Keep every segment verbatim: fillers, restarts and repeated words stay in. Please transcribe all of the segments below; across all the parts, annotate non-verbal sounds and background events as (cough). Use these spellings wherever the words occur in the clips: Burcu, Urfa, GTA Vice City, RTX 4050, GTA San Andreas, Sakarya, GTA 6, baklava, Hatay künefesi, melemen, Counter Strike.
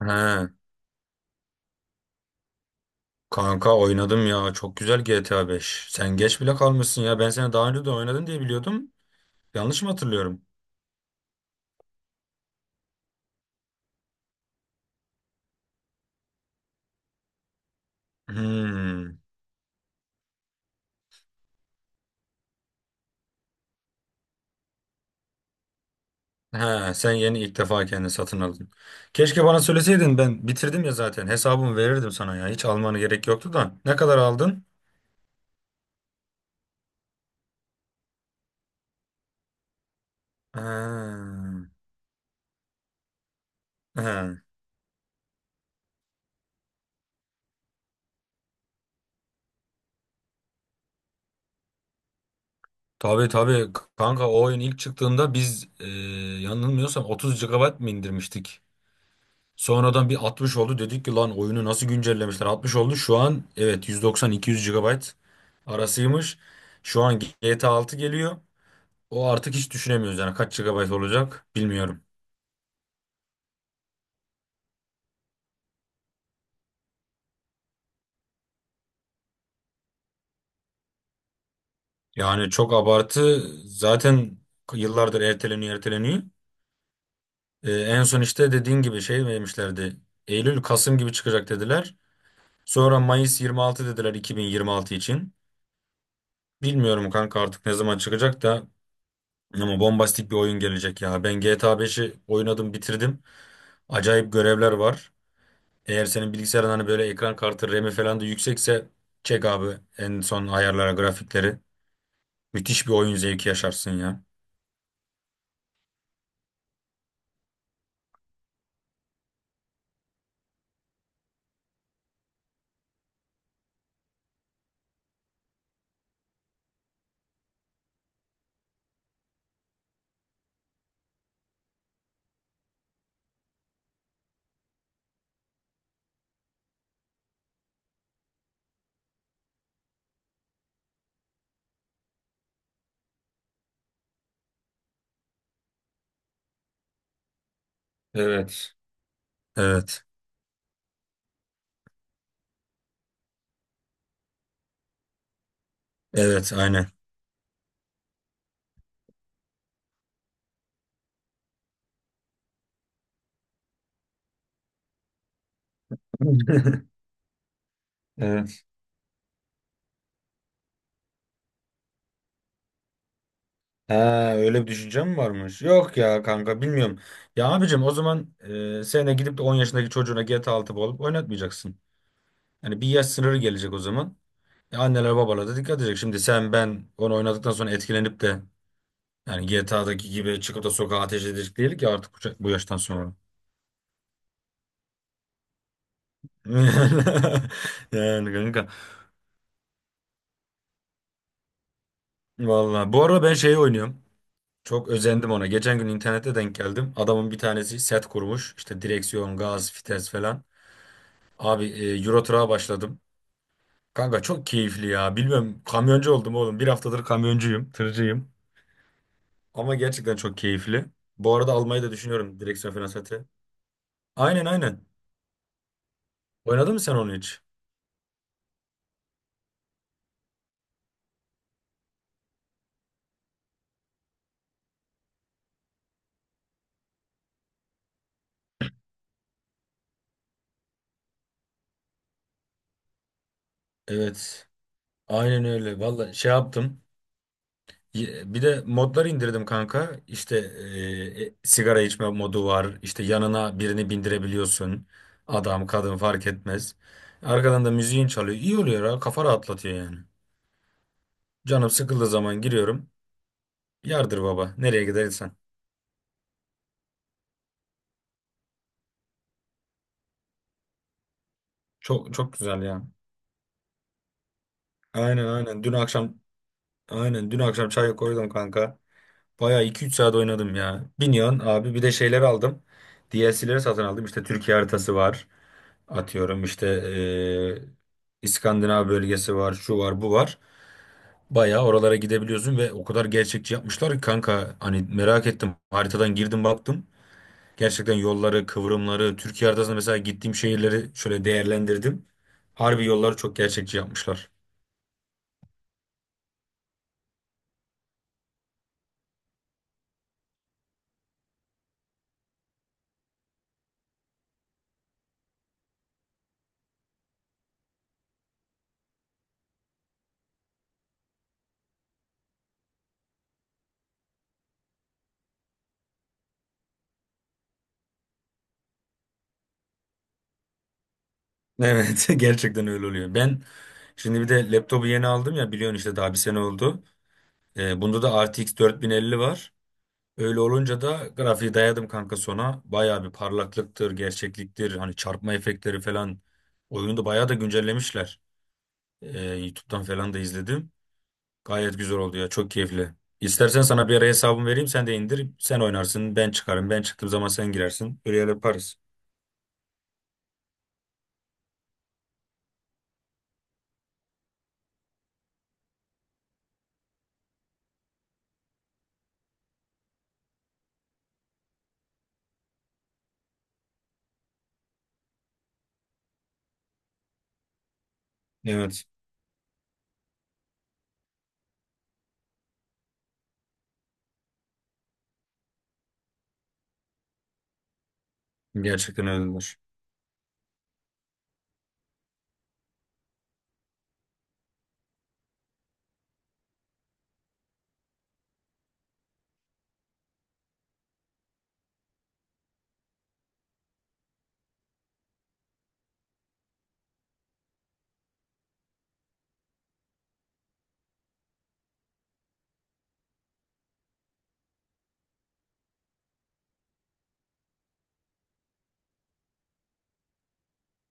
He, kanka oynadım ya. Çok güzel G T A beş. Sen geç bile kalmışsın ya. Ben seni daha önce de oynadın diye biliyordum. Yanlış mı hatırlıyorum? Hmm. He, sen yeni ilk defa kendini satın aldın. Keşke bana söyleseydin. Ben bitirdim ya zaten. Hesabımı verirdim sana ya. Hiç almanı gerek yoktu da. Ne kadar aldın? He. He. Tabii tabii kanka o oyun ilk çıktığında biz e, yanılmıyorsam 30 gigabayt mı indirmiştik? Sonradan bir altmış oldu. Dedik ki lan oyunu nasıl güncellemişler? altmış oldu. Şu an evet yüz doksan iki yüz G B arasıymış. Şu an G T A altı geliyor. O artık hiç düşünemiyoruz yani kaç G B olacak bilmiyorum. Yani çok abartı. Zaten yıllardır erteleniyor erteleniyor. Ee, en son işte dediğin gibi şey vermişlerdi. Eylül Kasım gibi çıkacak dediler. Sonra Mayıs yirmi altı dediler iki bin yirmi altı için. Bilmiyorum kanka artık ne zaman çıkacak da. Ama bombastik bir oyun gelecek ya. Ben G T A beşi oynadım, bitirdim. Acayip görevler var. Eğer senin bilgisayarın hani böyle ekran kartı, RAM'i falan da yüksekse çek abi en son ayarlara, grafikleri. Müthiş bir oyun zevki yaşarsın ya. Evet. Evet. Evet, aynen. (laughs) Evet. Ha, öyle bir düşüncem mi varmış? Yok ya kanka bilmiyorum. Ya abicim o zaman e, sen de gidip de on yaşındaki çocuğuna G T A altı alıp oynatmayacaksın. Yani bir yaş sınırı gelecek o zaman. Ya anneler babalar da dikkat edecek. Şimdi sen ben onu oynadıktan sonra etkilenip de yani G T A'daki gibi çıkıp da sokağa ateş edecek değil ki artık bu bu yaştan sonra. (laughs) Yani kanka. Vallahi. Bu arada ben şeyi oynuyorum. Çok özendim ona. Geçen gün internette denk geldim. Adamın bir tanesi set kurmuş. İşte direksiyon, gaz, vites falan. Abi e, Euro Truck'a başladım. Kanka çok keyifli ya. Bilmem kamyoncu oldum oğlum. Bir haftadır kamyoncuyum, tırcıyım. Ama gerçekten çok keyifli. Bu arada almayı da düşünüyorum direksiyon falan seti. Aynen aynen. Oynadın mı sen onu hiç? Evet. Aynen öyle. Valla şey yaptım. Y- Bir de modlar indirdim kanka. İşte e, e, sigara içme modu var. İşte yanına birini bindirebiliyorsun. Adam, kadın fark etmez. Arkadan da müziğin çalıyor. İyi oluyor ha. Kafa rahatlatıyor yani. Canım sıkıldığı zaman giriyorum. Yardır baba. Nereye gidersen. Çok çok güzel ya. Aynen aynen. Dün akşam aynen dün akşam çay koydum kanka. Bayağı iki üç saat oynadım ya. Binion abi bir de şeyler aldım. D L C'leri satın aldım. İşte Türkiye haritası var. Atıyorum işte eee, İskandinav bölgesi var. Şu var bu var. Bayağı oralara gidebiliyorsun ve o kadar gerçekçi yapmışlar ki kanka hani merak ettim. Haritadan girdim baktım. Gerçekten yolları, kıvrımları, Türkiye haritasında mesela gittiğim şehirleri şöyle değerlendirdim. Harbi yolları çok gerçekçi yapmışlar. Evet (laughs) gerçekten öyle oluyor. Ben şimdi bir de laptopu yeni aldım ya biliyorsun işte daha bir sene oldu. E, bunda da R T X dört bin elli var. Öyle olunca da grafiği dayadım kanka sona. Bayağı bir parlaklıktır, gerçekliktir. Hani çarpma efektleri falan. Oyunu da bayağı da güncellemişler. E, YouTube'dan falan da izledim. Gayet güzel oldu ya. Çok keyifli. İstersen sana bir ara hesabımı vereyim. Sen de indir. Sen oynarsın. Ben çıkarım. Ben çıktığım zaman sen girersin. Öyle yaparız. Evet. Gerçekten öyledir.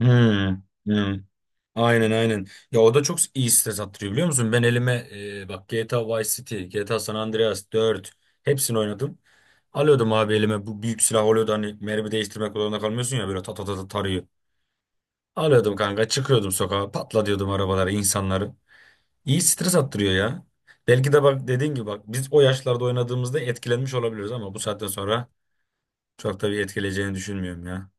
Hmm. Hmm. Aynen aynen. Ya o da çok iyi stres attırıyor biliyor musun? Ben elime e, bak G T A Vice City, G T A San Andreas dört hepsini oynadım. Alıyordum abi elime bu büyük silah oluyordu hani mermi değiştirmek zorunda kalmıyorsun ya böyle ta ta ta ta tarıyor. Alıyordum kanka çıkıyordum sokağa patla diyordum arabalara insanları. İyi stres attırıyor ya. Belki de bak dediğin gibi bak biz o yaşlarda oynadığımızda etkilenmiş olabiliriz ama bu saatten sonra çok da bir etkileyeceğini düşünmüyorum ya.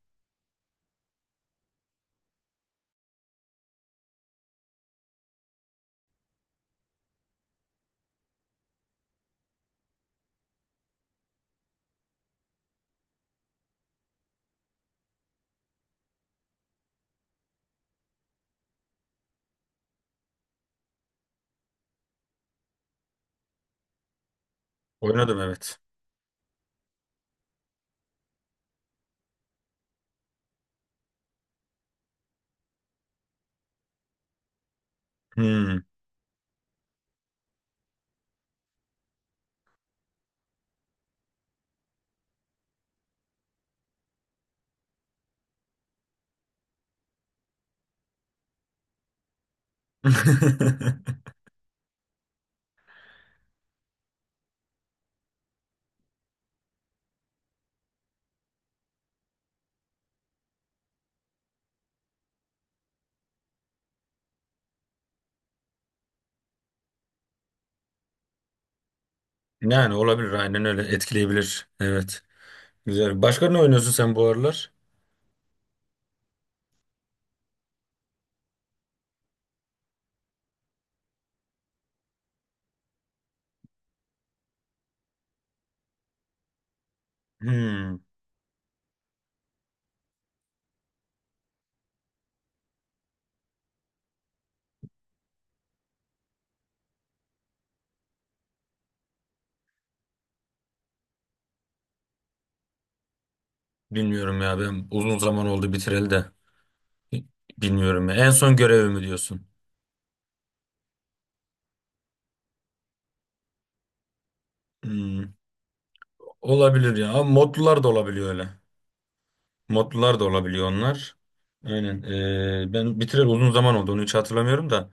Oynadım evet. Hmm. (laughs) Yani olabilir aynen öyle etkileyebilir. Evet. Güzel. Başka ne oynuyorsun sen bu aralar? Hmm, Bilmiyorum ya ben uzun zaman oldu bitireli de. Bilmiyorum ya. En son görevi mi diyorsun? Hmm, Olabilir ya. Ama modlular da olabiliyor öyle. Modlular da olabiliyor onlar. Aynen. Ee, ben bitireli uzun zaman oldu. Onu hiç hatırlamıyorum da.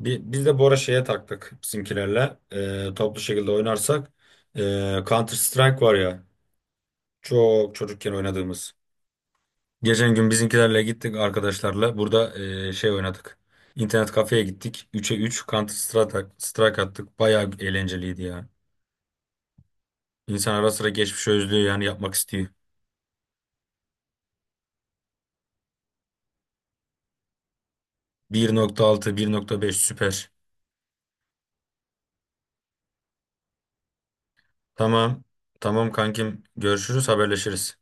Bi- biz de bu ara şeye taktık bizimkilerle. Ee, toplu şekilde oynarsak. Ee, Counter Strike var ya. Çok çocukken oynadığımız. Geçen gün bizimkilerle gittik arkadaşlarla. Burada eee, şey oynadık. İnternet kafeye gittik. üçe üç Counter Strike, Strike attık. Bayağı eğlenceliydi ya. İnsan ara sıra geçmişi özlüyor yani yapmak istiyor. bir nokta altı, bir nokta beş süper. Tamam. Tamam kankim. Görüşürüz, haberleşiriz.